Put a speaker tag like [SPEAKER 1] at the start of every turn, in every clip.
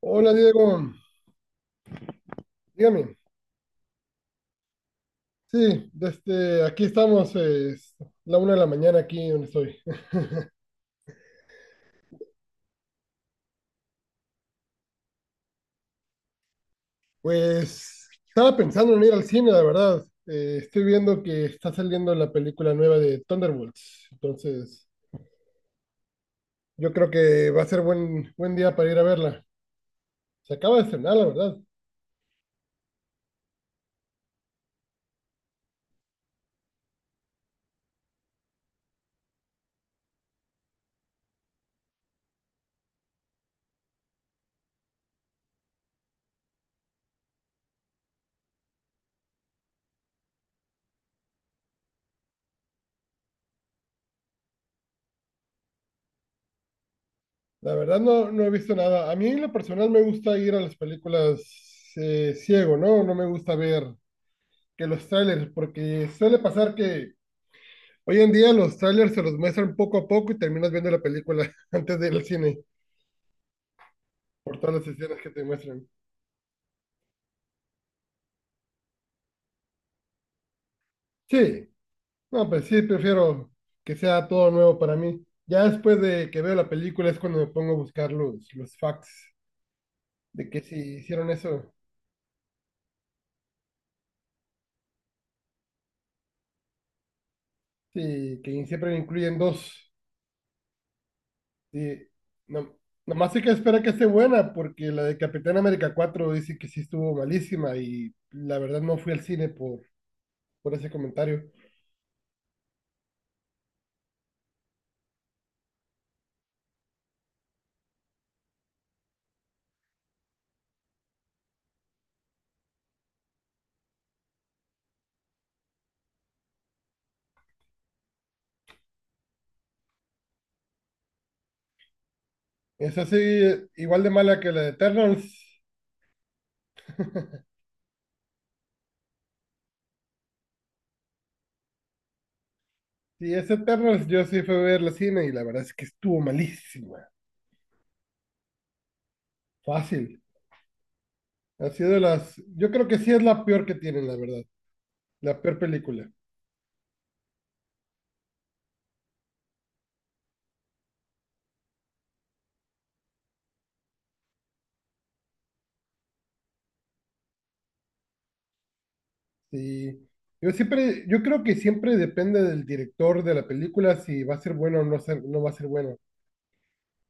[SPEAKER 1] Hola Diego, dígame. Sí, desde aquí estamos, es la una de la mañana aquí donde estoy. Pues estaba pensando en ir al cine, la verdad. Estoy viendo que está saliendo la película nueva de Thunderbolts, entonces yo creo que va a ser buen día para ir a verla. Se acaba de estrenar, la verdad. La verdad no, no he visto nada. A mí en lo personal me gusta ir a las películas ciego, ¿no? No me gusta ver que los trailers, porque suele pasar que hoy en día los trailers se los muestran poco a poco y terminas viendo la película antes de ir al cine por todas las escenas que te muestran. Sí, no, pues sí, prefiero que sea todo nuevo para mí. Ya después de que veo la película es cuando me pongo a buscar los facts de que si hicieron eso, sí, que siempre incluyen dos. Sí, no, nomás hay que esperar que esté buena porque la de Capitán América 4 dice que sí estuvo malísima y la verdad no fui al cine por ese comentario. Es así, igual de mala que la de Eternals. Y ese Eternals yo sí fui a ver la cine y la verdad es que estuvo malísima. Fácil. Ha sido de las... Yo creo que sí es la peor que tienen, la verdad. La peor película. Sí. Yo siempre, yo creo que siempre depende del director de la película si va a ser bueno o no, no va a ser bueno.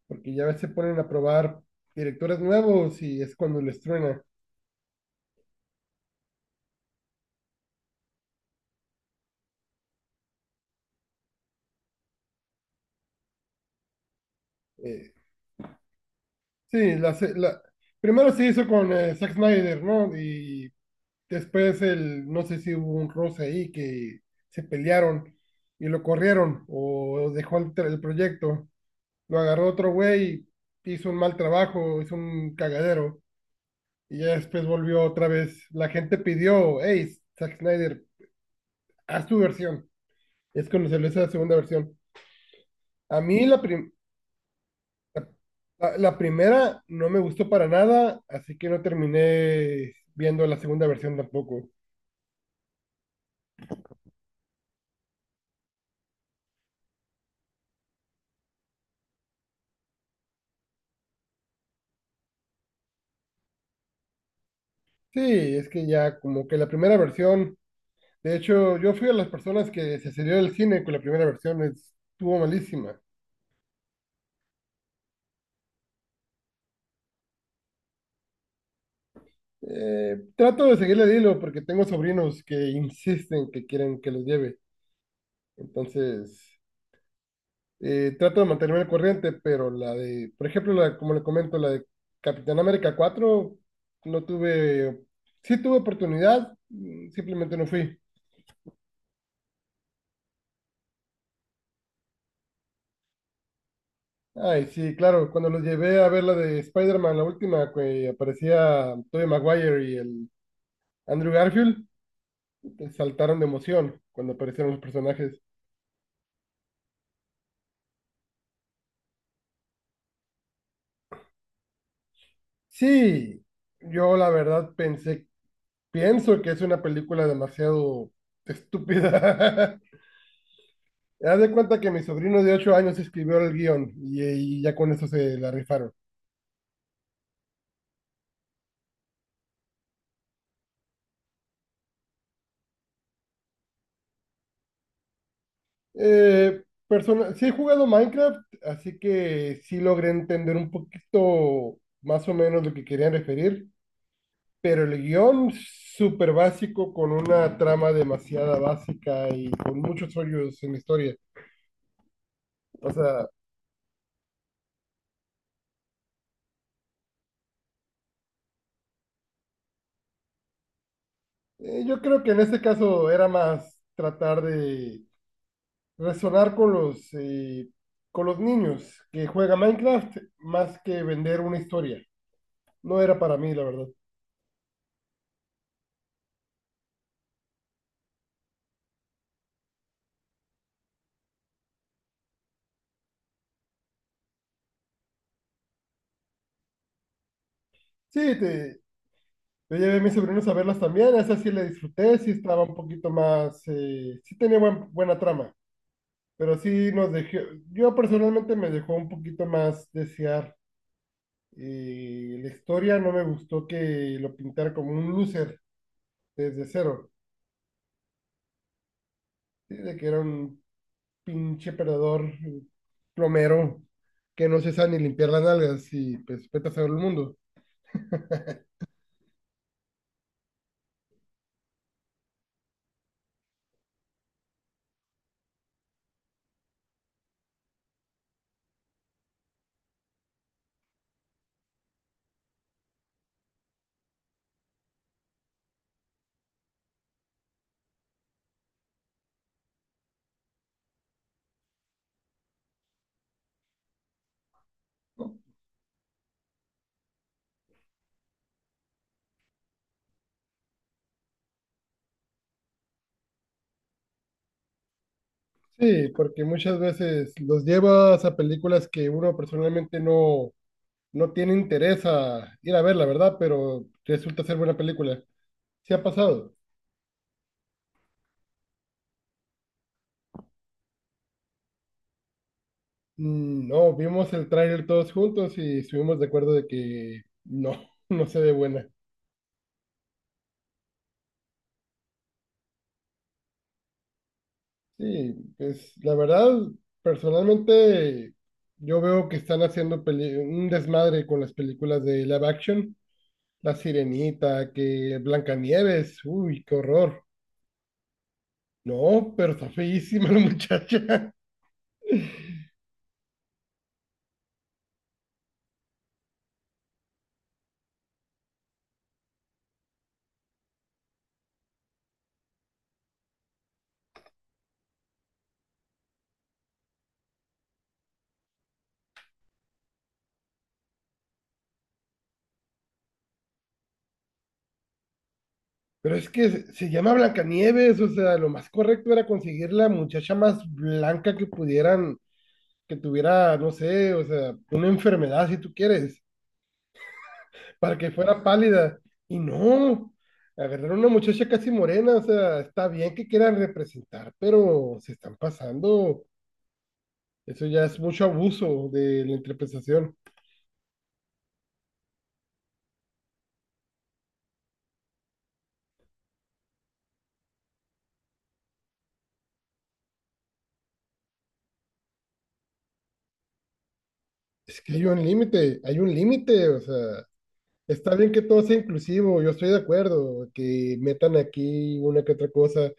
[SPEAKER 1] Porque ya a veces ponen a probar directores nuevos y es cuando les truena. Eh, sí, primero se hizo con Zack Snyder, ¿no? Y después el, no sé si hubo un roce ahí que se pelearon y lo corrieron o dejó el proyecto. Lo agarró otro güey, hizo un mal trabajo, hizo un cagadero y ya después volvió otra vez. La gente pidió, hey, Zack Snyder, haz tu versión. Es cuando se le hizo la segunda versión. A mí la primera no me gustó para nada, así que no terminé viendo la segunda versión tampoco. Sí, es que ya como que la primera versión. De hecho, yo fui a las personas que se salió del cine con la primera versión, estuvo malísima. Trato de seguirle el hilo porque tengo sobrinos que insisten que quieren que los lleve. Entonces, trato de mantenerme al corriente, pero la de, por ejemplo, la, como le comento, la de Capitán América 4 no tuve, sí tuve oportunidad, mm, simplemente no fui. Ay, sí, claro, cuando los llevé a ver la de Spider-Man, la última, que aparecía Tobey Maguire y el Andrew Garfield. Saltaron de emoción cuando aparecieron los personajes. Sí, yo la verdad pensé, pienso que es una película demasiado estúpida. Haz de cuenta que mi sobrino de 8 años escribió el guión y, ya con eso se la rifaron. Sí he jugado Minecraft, así que sí logré entender un poquito más o menos lo que querían referir, pero el guión súper básico con una trama demasiada básica y con muchos hoyos en la historia. O sea, yo creo que en este caso era más tratar de resonar con con los niños que juegan Minecraft más que vender una historia. No era para mí, la verdad. Sí, te, yo llevé a mis sobrinos a verlas también, esa sí la disfruté, sí estaba un poquito más, sí tenía buena trama, pero sí nos dejó, yo personalmente me dejó un poquito más desear. Eh, la historia no me gustó que lo pintara como un loser desde cero, sí, de que era un pinche perdedor, plomero, que no se sabe ni limpiar las nalgas y pues vete a saber el mundo. ¿No? Sí, porque muchas veces los llevas a películas que uno personalmente no, no tiene interés a ir a ver, la verdad, pero resulta ser buena película. ¿Sí ha pasado? Mm, no, vimos el tráiler todos juntos y estuvimos de acuerdo de que no, no se ve buena. Sí, pues la verdad, personalmente yo veo que están haciendo un desmadre con las películas de live action. La Sirenita, que Blancanieves, uy, qué horror. No, pero está feísima la muchacha. Pero es que se llama Blancanieves, o sea, lo más correcto era conseguir la muchacha más blanca que pudieran, que tuviera, no sé, o sea, una enfermedad si tú quieres para que fuera pálida. Y no, agarraron una muchacha casi morena, o sea, está bien que quieran representar, pero se están pasando. Eso ya es mucho abuso de la interpretación. Es que hay un límite, o sea, está bien que todo sea inclusivo, yo estoy de acuerdo, que metan aquí una que otra cosa,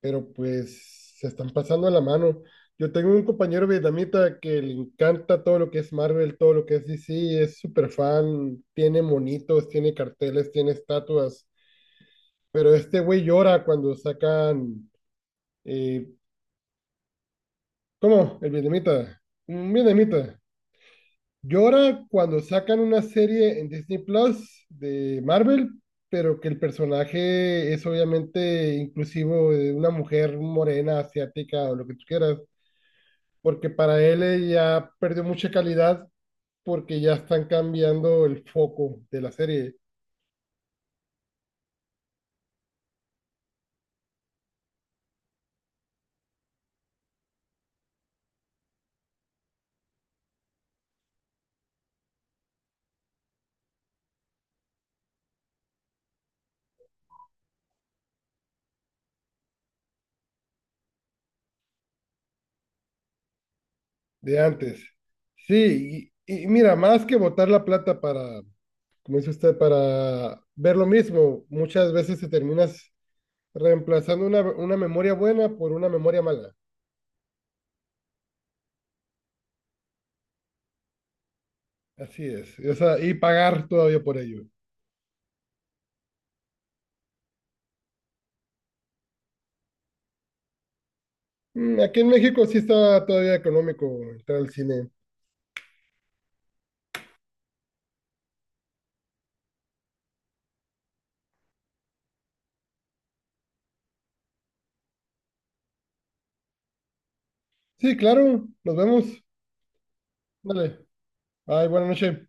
[SPEAKER 1] pero pues se están pasando la mano. Yo tengo un compañero vietnamita que le encanta todo lo que es Marvel, todo lo que es DC, es súper fan, tiene monitos, tiene carteles, tiene estatuas, pero este güey llora cuando sacan, eh, ¿cómo? El vietnamita, un vietnamita, llora cuando sacan una serie en Disney Plus de Marvel, pero que el personaje es obviamente inclusivo de una mujer morena, asiática o lo que tú quieras porque para él ya perdió mucha calidad porque ya están cambiando el foco de la serie de antes. Sí, y mira, más que botar la plata para, como dice usted, para ver lo mismo, muchas veces te terminas reemplazando una memoria buena por una memoria mala. Así es, o sea, y pagar todavía por ello. Mm, aquí en México sí está todavía económico entrar al cine. Sí, claro, nos vemos. Dale, bye, buena noche.